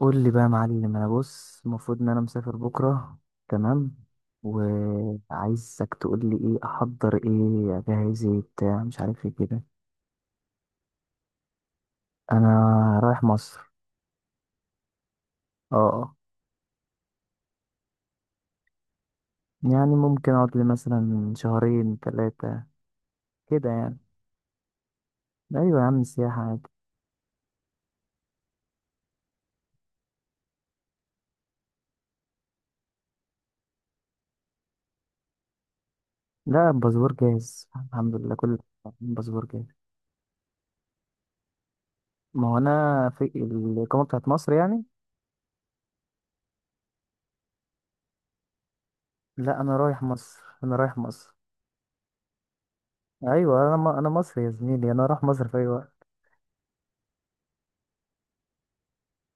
قول لي بقى يا معلم، انا بص المفروض ان انا مسافر بكره. تمام. وعايزك تقول لي ايه احضر، ايه اجهز، ايه بتاع مش عارف ايه كده. انا رايح مصر. اه، آه. يعني ممكن اقعد لي مثلا شهرين 3 كده يعني. ايوه يا عم، سياحه عادي. لا، الباسبور جاهز الحمد لله كل الباسبور جاهز. ما هو انا في الاقامه بتاعت مصر يعني. لا، انا رايح مصر انا رايح مصر. ايوه، انا مصري يا زميلي، انا رايح مصر في اي وقت.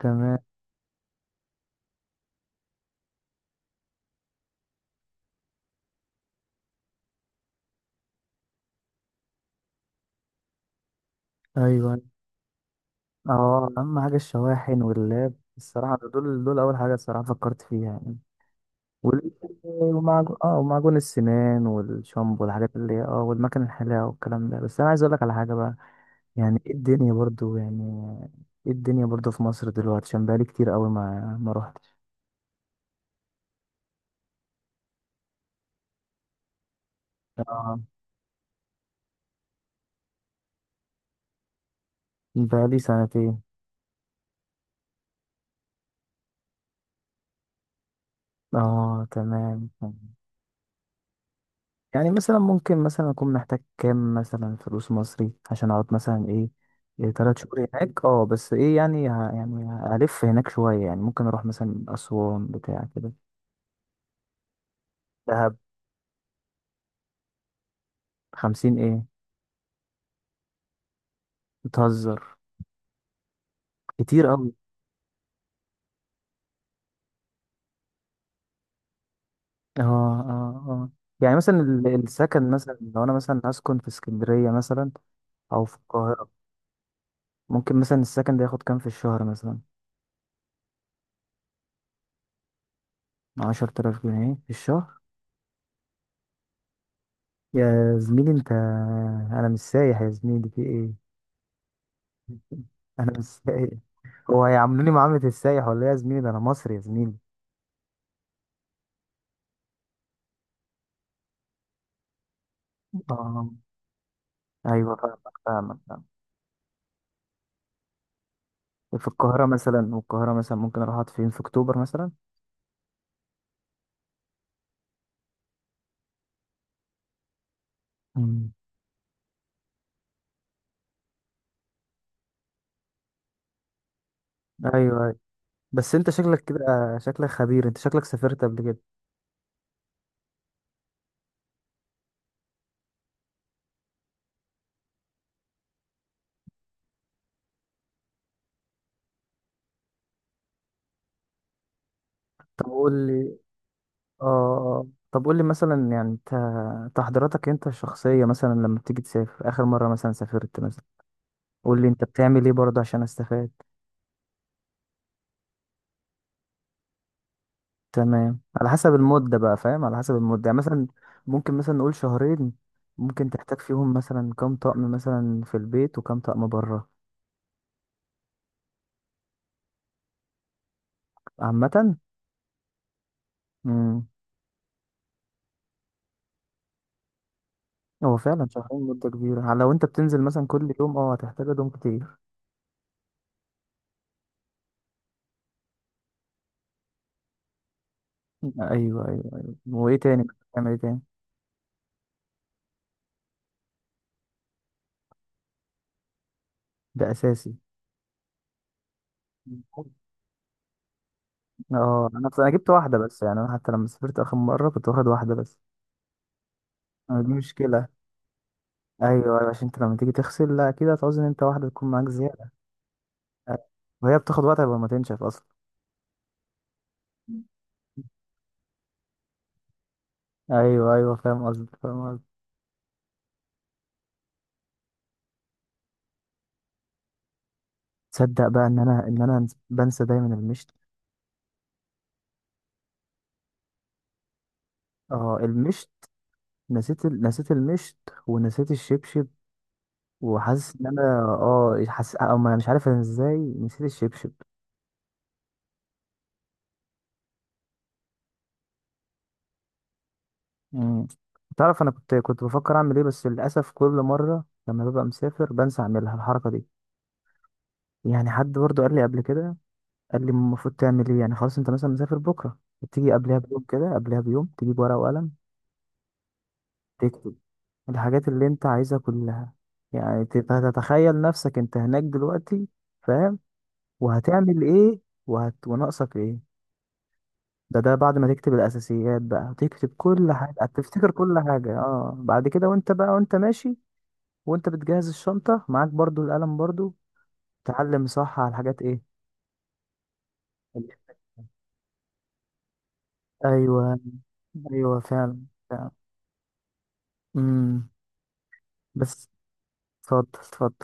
تمام. ايوه. اه اهم حاجه الشواحن واللاب الصراحه، دول اول حاجه الصراحه فكرت فيها يعني. وال- ومعجون السنان والشامبو والحاجات اللي هي والمكان الحلاقه والكلام ده. بس انا عايز اقول لك على حاجه بقى. يعني ايه الدنيا برضو يعني؟ ايه الدنيا برضو في مصر دلوقتي؟ عشان بقالي كتير قوي ما روحتش. اه، بقالي سنتين. اه، تمام. يعني مثلا ممكن مثلا اكون محتاج كام مثلا فلوس مصري عشان اقعد مثلا ايه، إيه، 3 شهور هناك. اه بس ايه يعني يعني هلف هناك شوية يعني، ممكن اروح مثلا اسوان بتاع كده. دهب. 50 ايه؟ بتهزر. كتير قوي. اه، اه، اه. يعني مثلا السكن مثلا لو انا مثلا هسكن في اسكندرية مثلا او في القاهرة. ممكن مثلا السكن ده ياخد كام في الشهر مثلا؟ 10 آلاف جنيه في الشهر؟ يا زميلي انت، انا مش سايح يا زميلي في ايه. انا مش سايح. هو هيعاملوني معاملة السايح ولا إيه يا زميلي؟ ده انا مصري يا زميلي. اه، ايوه فاهمك فاهمك فاهمك. في القاهرة مثلا، والقاهرة مثلا ممكن اروح اقعد فين؟ في اكتوبر مثلا. أمم. ايوه، أيوة. بس انت شكلك كده، شكلك خبير، انت شكلك سافرت قبل كده. طب قول لي. اه آه. طب قول لي مثلا يعني انت، تحضيراتك انت الشخصية مثلا لما بتيجي تسافر، اخر مرة مثلا سافرت مثلا قول لي انت بتعمل ايه برضه عشان استفاد. تمام. على حسب المدة بقى، فاهم؟ على حسب المدة يعني مثلا ممكن مثلا نقول شهرين. ممكن تحتاج فيهم مثلا كام طقم مثلا في البيت وكام طقم بره. عامة. امم. هو فعلا شهرين مدة كبيرة على لو انت بتنزل مثلا كل يوم، هتحتاج هدوم كتير. ايوه، ايوه، ايوه، وايه تاني؟ بتعمل ايه تاني؟ ده اساسي. اه انا جبت واحدة بس. يعني انا حتى لما سافرت اخر مرة كنت واخد واحدة بس. أنا دي مشكلة. ايوه أيوة، عشان انت لما تيجي تغسل لا كده هتعوز ان انت واحدة تكون معاك زيادة. وهي بتاخد وقت قبل ما تنشف اصلا. ايوه، ايوه، فاهم قصدك فاهم قصدك. تصدق بقى ان انا بنسى دايما المشط. اه، المشط. نسيت المشط. ونسيت الشبشب. وحاسس ان انا حاسس او ما مش عارف انا ازاي نسيت الشبشب. مم. تعرف انا كنت بفكر اعمل ايه؟ بس للاسف كل مره لما ببقى مسافر بنسى اعملها الحركه دي. يعني حد برضه قال لي قبل كده، قال لي المفروض تعمل ايه. يعني خلاص انت مثلا مسافر بكره، تيجي قبلها بيوم كده، قبلها بيوم تجيب ورقه وقلم. تكتب الحاجات اللي انت عايزها كلها. يعني هتتخيل نفسك انت هناك دلوقتي، فاهم؟ وهتعمل ايه وناقصك ايه. ده بعد ما تكتب الاساسيات بقى هتكتب كل حاجه هتفتكر كل حاجه. اه بعد كده وانت بقى وانت ماشي، وانت بتجهز الشنطه معاك برضو، القلم برضو، تعلم صح على الحاجات ايه ايوه، ايوه، فعلا. فعلا. امم. بس. اتفضل، اتفضل.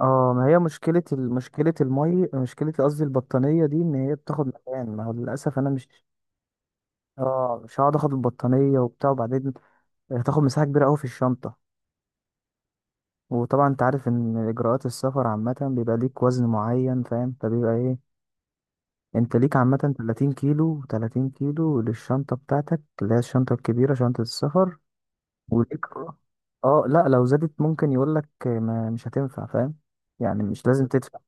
اه ما هي مشكلة ال- مشكلة المي مشكلة قصدي البطانية دي، ان هي بتاخد مكان. ما هو للأسف انا مش، اه مش هقعد اخد البطانية وبتاع وبعدين هتاخد مساحة كبيرة اوي في الشنطة. وطبعا انت عارف ان اجراءات السفر عامة بيبقى ليك وزن معين، فاهم؟ فبيبقى ايه، انت ليك عامة 30 كيلو، 30 كيلو للشنطة بتاعتك اللي هي الشنطة الكبيرة، شنطة السفر. وليك. لا، لو زادت ممكن يقولك ما مش هتنفع، فاهم؟ يعني مش لازم تدفع.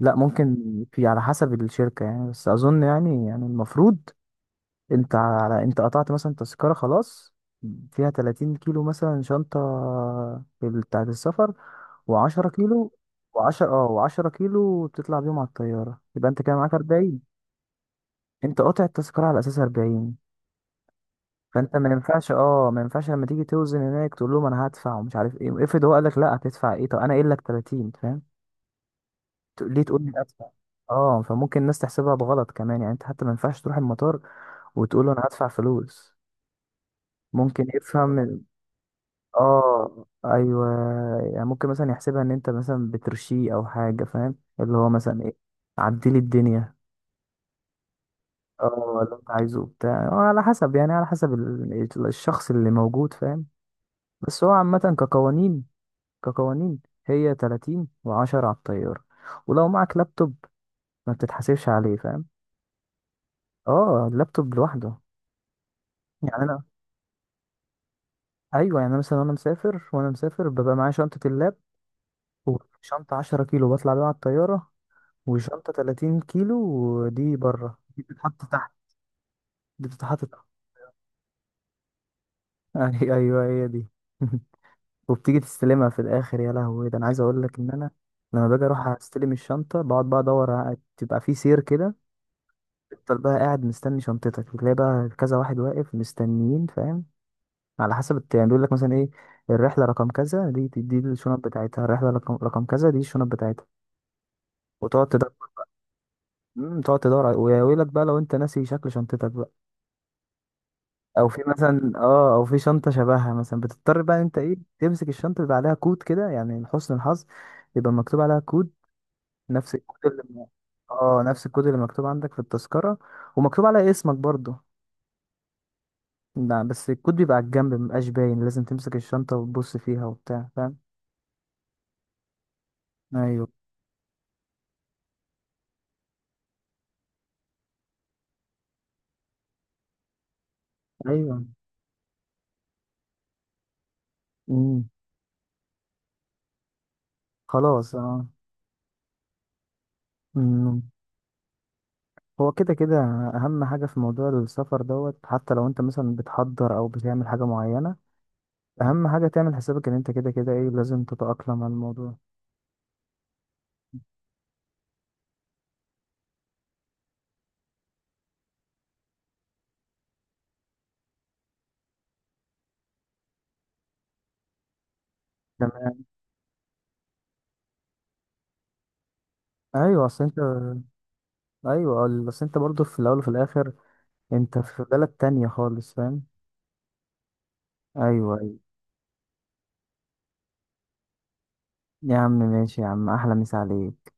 لا، ممكن. في على حسب الشركة يعني، بس أظن يعني المفروض أنت قطعت مثلا تذكرة خلاص، فيها 30 كيلو مثلا شنطة، بتاعة السفر، و10 كيلو. و10 كيلو بتطلع بيهم على الطيارة، يبقى أنت كده معاك 40. أنت قاطع التذكرة على أساس 40. فأنت ما ينفعش لما تيجي توزن هناك تقول لهم أنا هدفع ومش عارف إيه. افرض هو قال لك لا هتدفع إيه، طب أنا قايل لك 30، فاهم؟ ليه تقول لي ادفع؟ اه فممكن الناس تحسبها بغلط كمان يعني، انت حتى ما ينفعش تروح المطار وتقول له انا هدفع فلوس. ممكن يفهم اه، ايوه، يعني ممكن مثلا يحسبها ان انت مثلا بترشيه او حاجه، فاهم؟ اللي هو مثلا ايه، عدي لي الدنيا. اه، اللي انت عايزه بتاع، على حسب يعني على حسب الشخص اللي موجود، فاهم. بس هو عامه كقوانين، كقوانين هي 30 و10 على الطياره. ولو معك لابتوب ما بتتحاسبش عليه، فاهم. اه اللابتوب لوحده. يعني انا ايوه، يعني أنا مثلا وانا مسافر ببقى معايا شنطه اللاب، وشنطه 10 كيلو بطلع بيها على الطياره، وشنطه 30 كيلو. ودي بره، دي بتتحط تحت. دي بتتحط تحت. ايوه، هي دي. وبتيجي تستلمها في الاخر. يا لهوي، ده انا عايز اقول لك ان انا لما باجي اروح استلم الشنطه بقعد بقى ادور تبقى في سير كده. تفضل بقى قاعد مستني شنطتك، بتلاقي بقى كذا واحد واقف مستنيين، فاهم. على حسب يعني بيقول لك مثلا ايه، الرحله رقم كذا دي، الشنط بتاعتها. الرحله رقم كذا دي الشنط بتاعتها. وتقعد تدور. تقعد تدور ويقول لك بقى لو انت ناسي شكل شنطتك بقى، او في شنطه شبهها مثلا، بتضطر بقى انت ايه تمسك الشنطه، بيبقى عليها كود كده يعني لحسن الحظ، يبقى مكتوب عليها كود. نفس الكود اللي اه نفس الكود اللي مكتوب عندك في التذكره، ومكتوب على اسمك برضه. لا، بس الكود بيبقى على الجنب مبقاش باين، لازم تمسك الشنطه وتبص فيها وبتاع، فاهم. ايوه، ايوه. مم. خلاص. اه أمم. هو كده كده، اهم حاجة في موضوع السفر دوت، حتى لو انت مثلا بتحضر او بتعمل حاجة معينة، اهم حاجة تعمل حسابك ان انت كده كده ايه لازم تتأقلم على الموضوع. تمام. ايوه، اصل انت، ايوه بس انت برضه في الاول وفي الاخر انت في بلد تانية خالص، فاهم. ايوه، ايوه. يا عم ماشي، يا عم، احلى مسا عليك.